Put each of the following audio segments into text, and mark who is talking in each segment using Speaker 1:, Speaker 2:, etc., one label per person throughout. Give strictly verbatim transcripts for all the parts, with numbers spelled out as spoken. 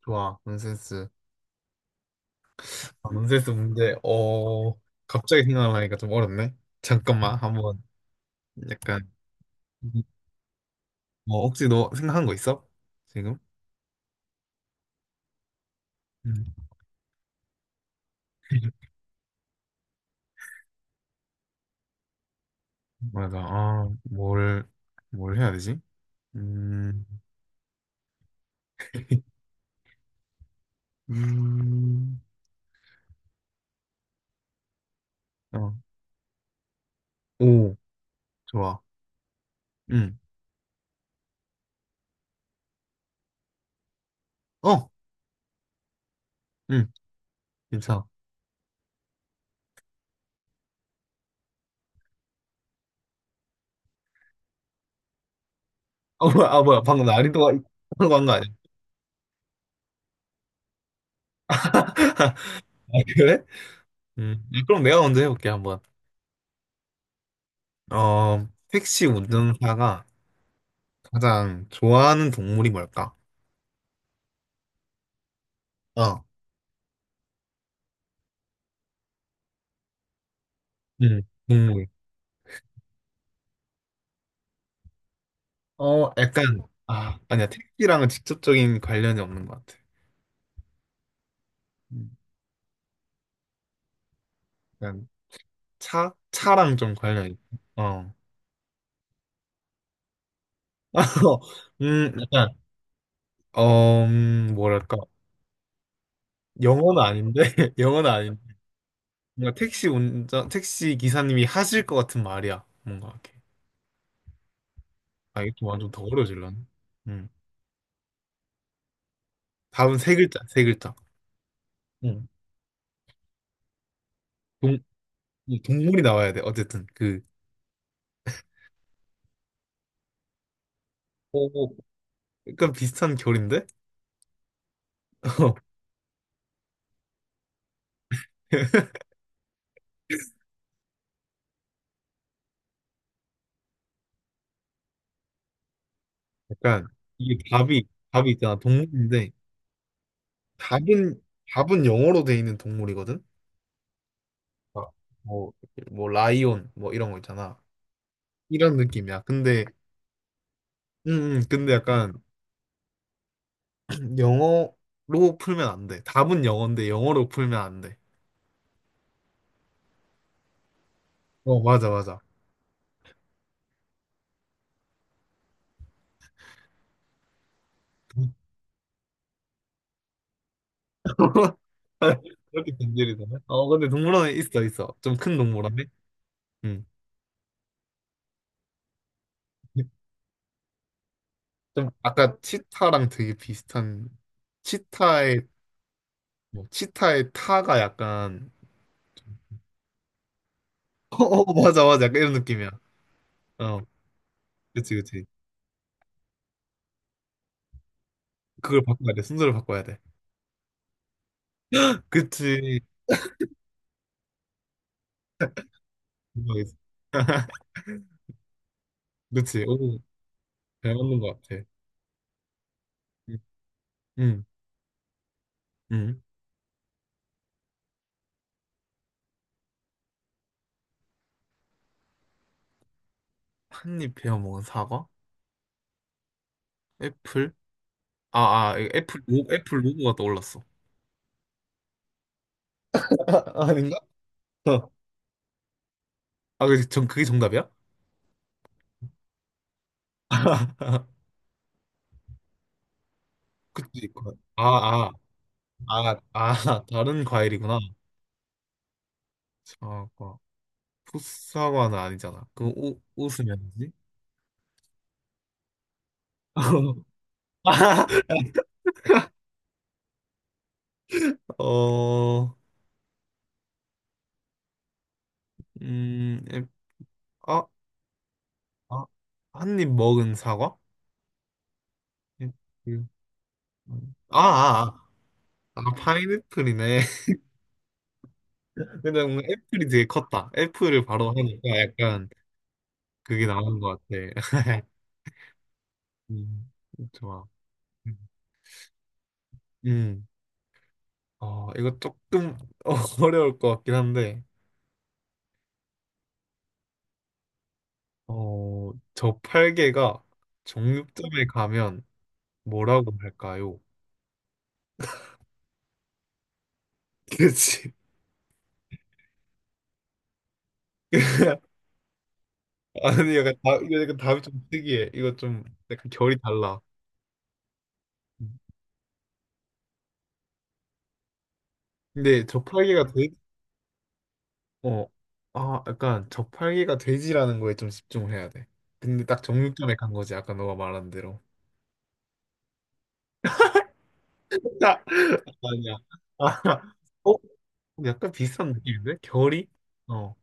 Speaker 1: 좋아, 논센스. 아, 논센스 문제, 어, 갑자기 생각나니까 좀 어렵네. 잠깐만, 한번, 약간, 뭐, 혹시 너 생각한 거 있어? 지금? 음. 맞아, 아, 뭘, 뭘 해야 되지? 음, 음, 어, 오, 좋아. 음, 어, 음, 괜찮아. 아, 뭐야, 아, 뭐야, 방금 난이도가, 방금 한거 아니야? 아, 그래? 음, 아, 그럼 내가 먼저 해볼게, 한번. 어, 택시 운전사가 가장 좋아하는 동물이 뭘까? 어, 응, 동물. 어, 약간, 아, 아니야, 택시랑은 직접적인 관련이 없는 것 같아. 음, 약간 차? 차랑 좀 관련이 있어. 어. 음, 약간, 어, 음, 뭐랄까. 영어는 아닌데, 영어는 아닌데. 뭔가 택시 운전, 택시 기사님이 하실 것 같은 말이야. 뭔가 이렇게. 아, 이게 또 완전 더 어려워질라네. 음. 답은 세 글자, 세 글자. 음. 동, 동물이 나와야 돼. 어쨌든, 그, 어, 어. 약간 비슷한 결인데? 약간 이게 답이 답이 있잖아 동물인데 답은 답은 영어로 돼 있는 동물이거든. 아, 뭐, 뭐 라이온 뭐 이런 거 있잖아. 이런 느낌이야. 근데 음, 음, 근데 약간 영어로 풀면 안 돼. 답은 영어인데 영어로 풀면 안 돼. 어, 맞아, 맞아. 이렇게 변질이 되네. 어, 근데 동물원에 있어, 있어. 좀 큰 동물원에. 음. 좀 아까 치타랑 되게 비슷한 치타의 뭐 치타의 타가 약간 어, 어, 맞아, 맞아, 약간 이런 느낌이야. 어, 그치, 그치. 그걸 바꿔야 돼. 순서를 바꿔야 돼. 그치. 그거겠지. 그치. 오, 잘 맞는 것 같아. 응, 응. 응. 한입 베어 먹은 사과? 애플? 아, 아, 이거 애플 로, 애플 로고가 떠올랐어. 아, 아닌가? 어. 아, 그, 전 그게 정답이야? 그치. 아, 아, 아, 아, 다른 과일이구나. 사과. 풋사과는 아니잖아. 그거 오, 웃으면지? 어, 음, 앱, 아, 아, 한 입 먹은 사과? 애플. 아, 아, 아, 아, 파인애플이네. 근데 뭔가 애플이 되게 컸다. 애플을 바로 하니까 약간 그게 나온 것 같아. 음, 좋아. 음, 어, 이거 조금 어려울 것 같긴 한데, 어, 저팔계가 정육점에 가면 뭐라고 할까요? 그치. 아니, 약간 다 이거 약간 답이 좀 특이해. 이거 좀 약간 결이 달라. 근데 저팔계가 돼, 어, 아, 약간 저팔계가 돼지라는 거에 좀 집중을 해야 돼. 근데 딱 정육점에 간 거지. 아까 너가 말한 대로. 아, 아니야. 아, 어, 약간 비슷한 느낌인데? 결이? 어,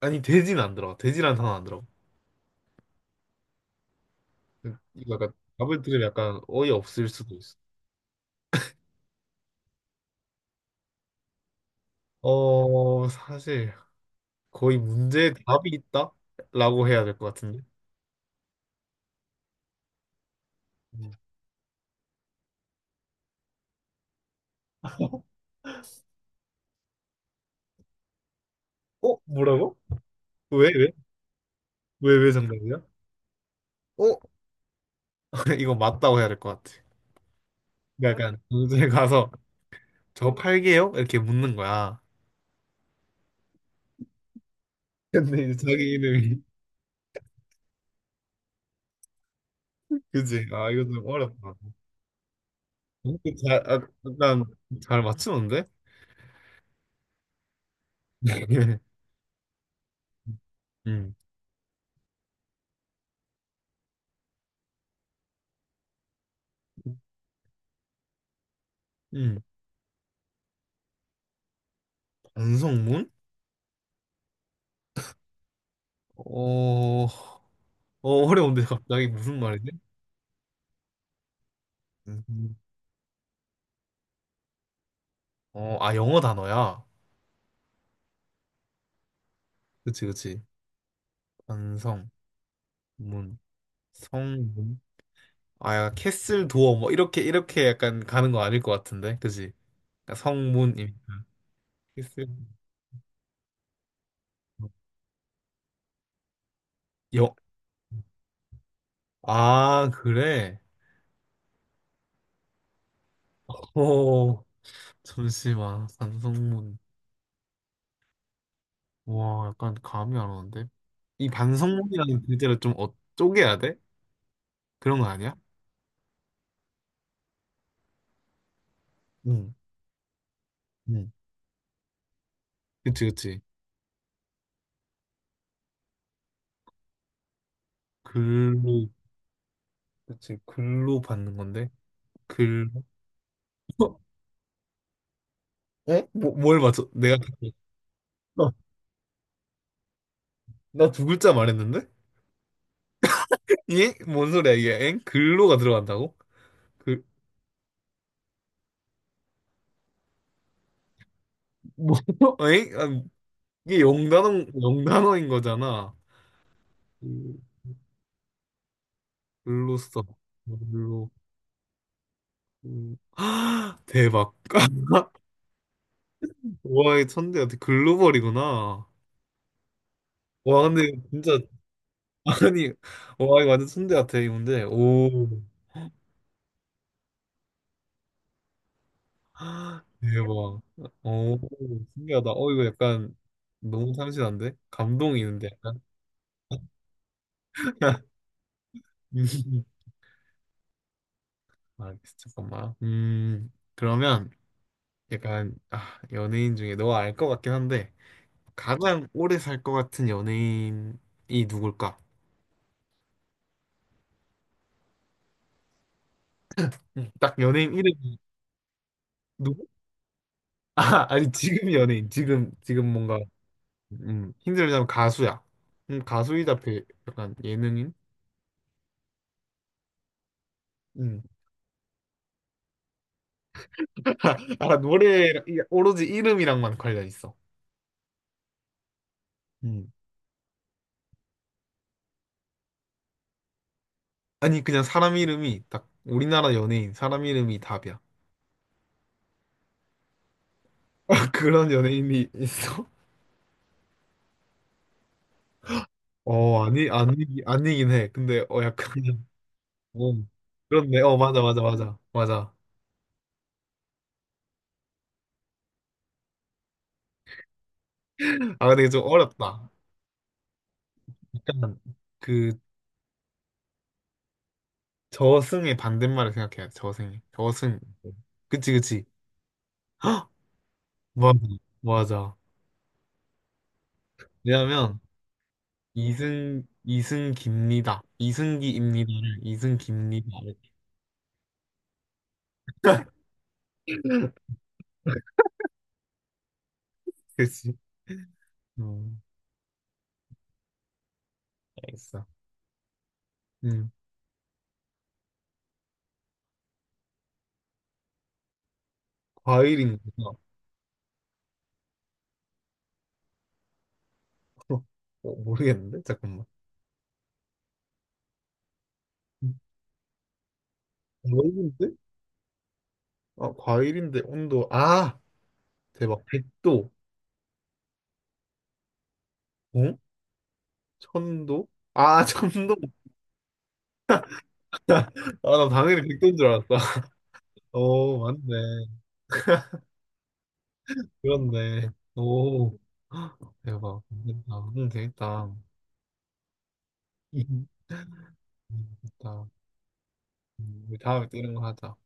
Speaker 1: 아니, 돼지는 안 들어. 돼지라는 단어 안 들어. 이거 약간 답을 들으면 약간 어이 없을 수도 있어. 어, 사실 거의 문제에 답이 있다라고 해야 될 것 같은데. 음. 어, 뭐라고? 왜, 왜? 왜, 왜 정답이야? 어? 이거 맞다고 해야 될 것 같아. 그러니까 약간 동생에 가서 저거 팔게요? 이렇게 묻는 거야. 근데 이제 자기 이름이 그지? 아, 이거 좀 어렵다. 어? 잘, 아, 약간 잘 맞추는데? 음, 음. 반성문? 어, 어 어려운데 갑자기 무슨 말이지? 음. 음. 어, 아, 영어 단어야. 그치, 그치. 반성문, 성문. 아, 약간 캐슬 도어 뭐 이렇게 이렇게 약간 가는 거 아닐 것 같은데, 그지? 그러니까 성문이니까 캐슬. 여, 아, 그래? 오, 잠시만. 반성문. 와, 약간 감이 안 오는데? 이 반성문이라는 글자를 좀 어, 쪼개야 돼? 그런 거 아니야? 응, 응. 그치, 그치. 글로, 그치. 글로 받는 건데? 글, 어? 에? 뭐, 뭘 맞춰? 내가, 어, 나두 글자 말했는데? 예? 뭔 소리야, 이게? 엥? 글로가 들어간다고? 그, 뭐, 에이? 아, 이게 영단어, 영단어인 거잖아. 음, 글로써. 글로. 음. 대박. 와, 이 천재 같아. 글로벌이구나. 와, 근데 진짜, 아니, 와, 이거 완전 천재 같아, 이 문제. 오. 대박. 오, 신기하다. 어, 이거 약간 너무 참신한데? 감동이 있는데, 약간? 아, 잠깐만. 음, 그러면. 약간 아, 연예인 중에 너 알 것 같긴 한데 가장 오래 살 것 같은 연예인이 누굴까? 응. 딱 연예인 이름. 누구? 아, 아니, 지금 연예인 지금 지금 뭔가 음, 힘들자면 가수야. 음, 가수이다, 배, 약간 예능인? 음. 아, 노래 오로지 이름이랑만 관련 있어. 음. 아니, 그냥 사람 이름이 딱 우리나라 연예인 사람 이름이 답이야. 그런 연예인이 있어? 어, 아니, 아니. 아니긴 해. 근데 어 약간 오, 그렇네. 어, 맞아, 맞아, 맞아. 맞아. 아, 근데 이게 좀 어렵다. 약간, 그, 저승의 반대말을 생각해야 돼, 저승이. 저승. 그치, 그치. 헉! 맞아, 맞아. 왜냐면, 이승, 이승기입니다. 이승기입니다를, 이승기입니다. 이렇게. 그치. 음, 알겠어. 음, 과일인가? 어, 모르겠는데? 잠깐만. 음, 과일인데? 아, 과일인데, 온도. 아! 대박. 백 도. 어? 천도? 아, 천도. 아, 나 당연히 백도인 줄 알았다. 오, 맞네. 그렇네. 오, 대박. 괜찮다. 응, 되겠다. 응, 되겠다. 음, 우리 다음에 또 이런 거 하자.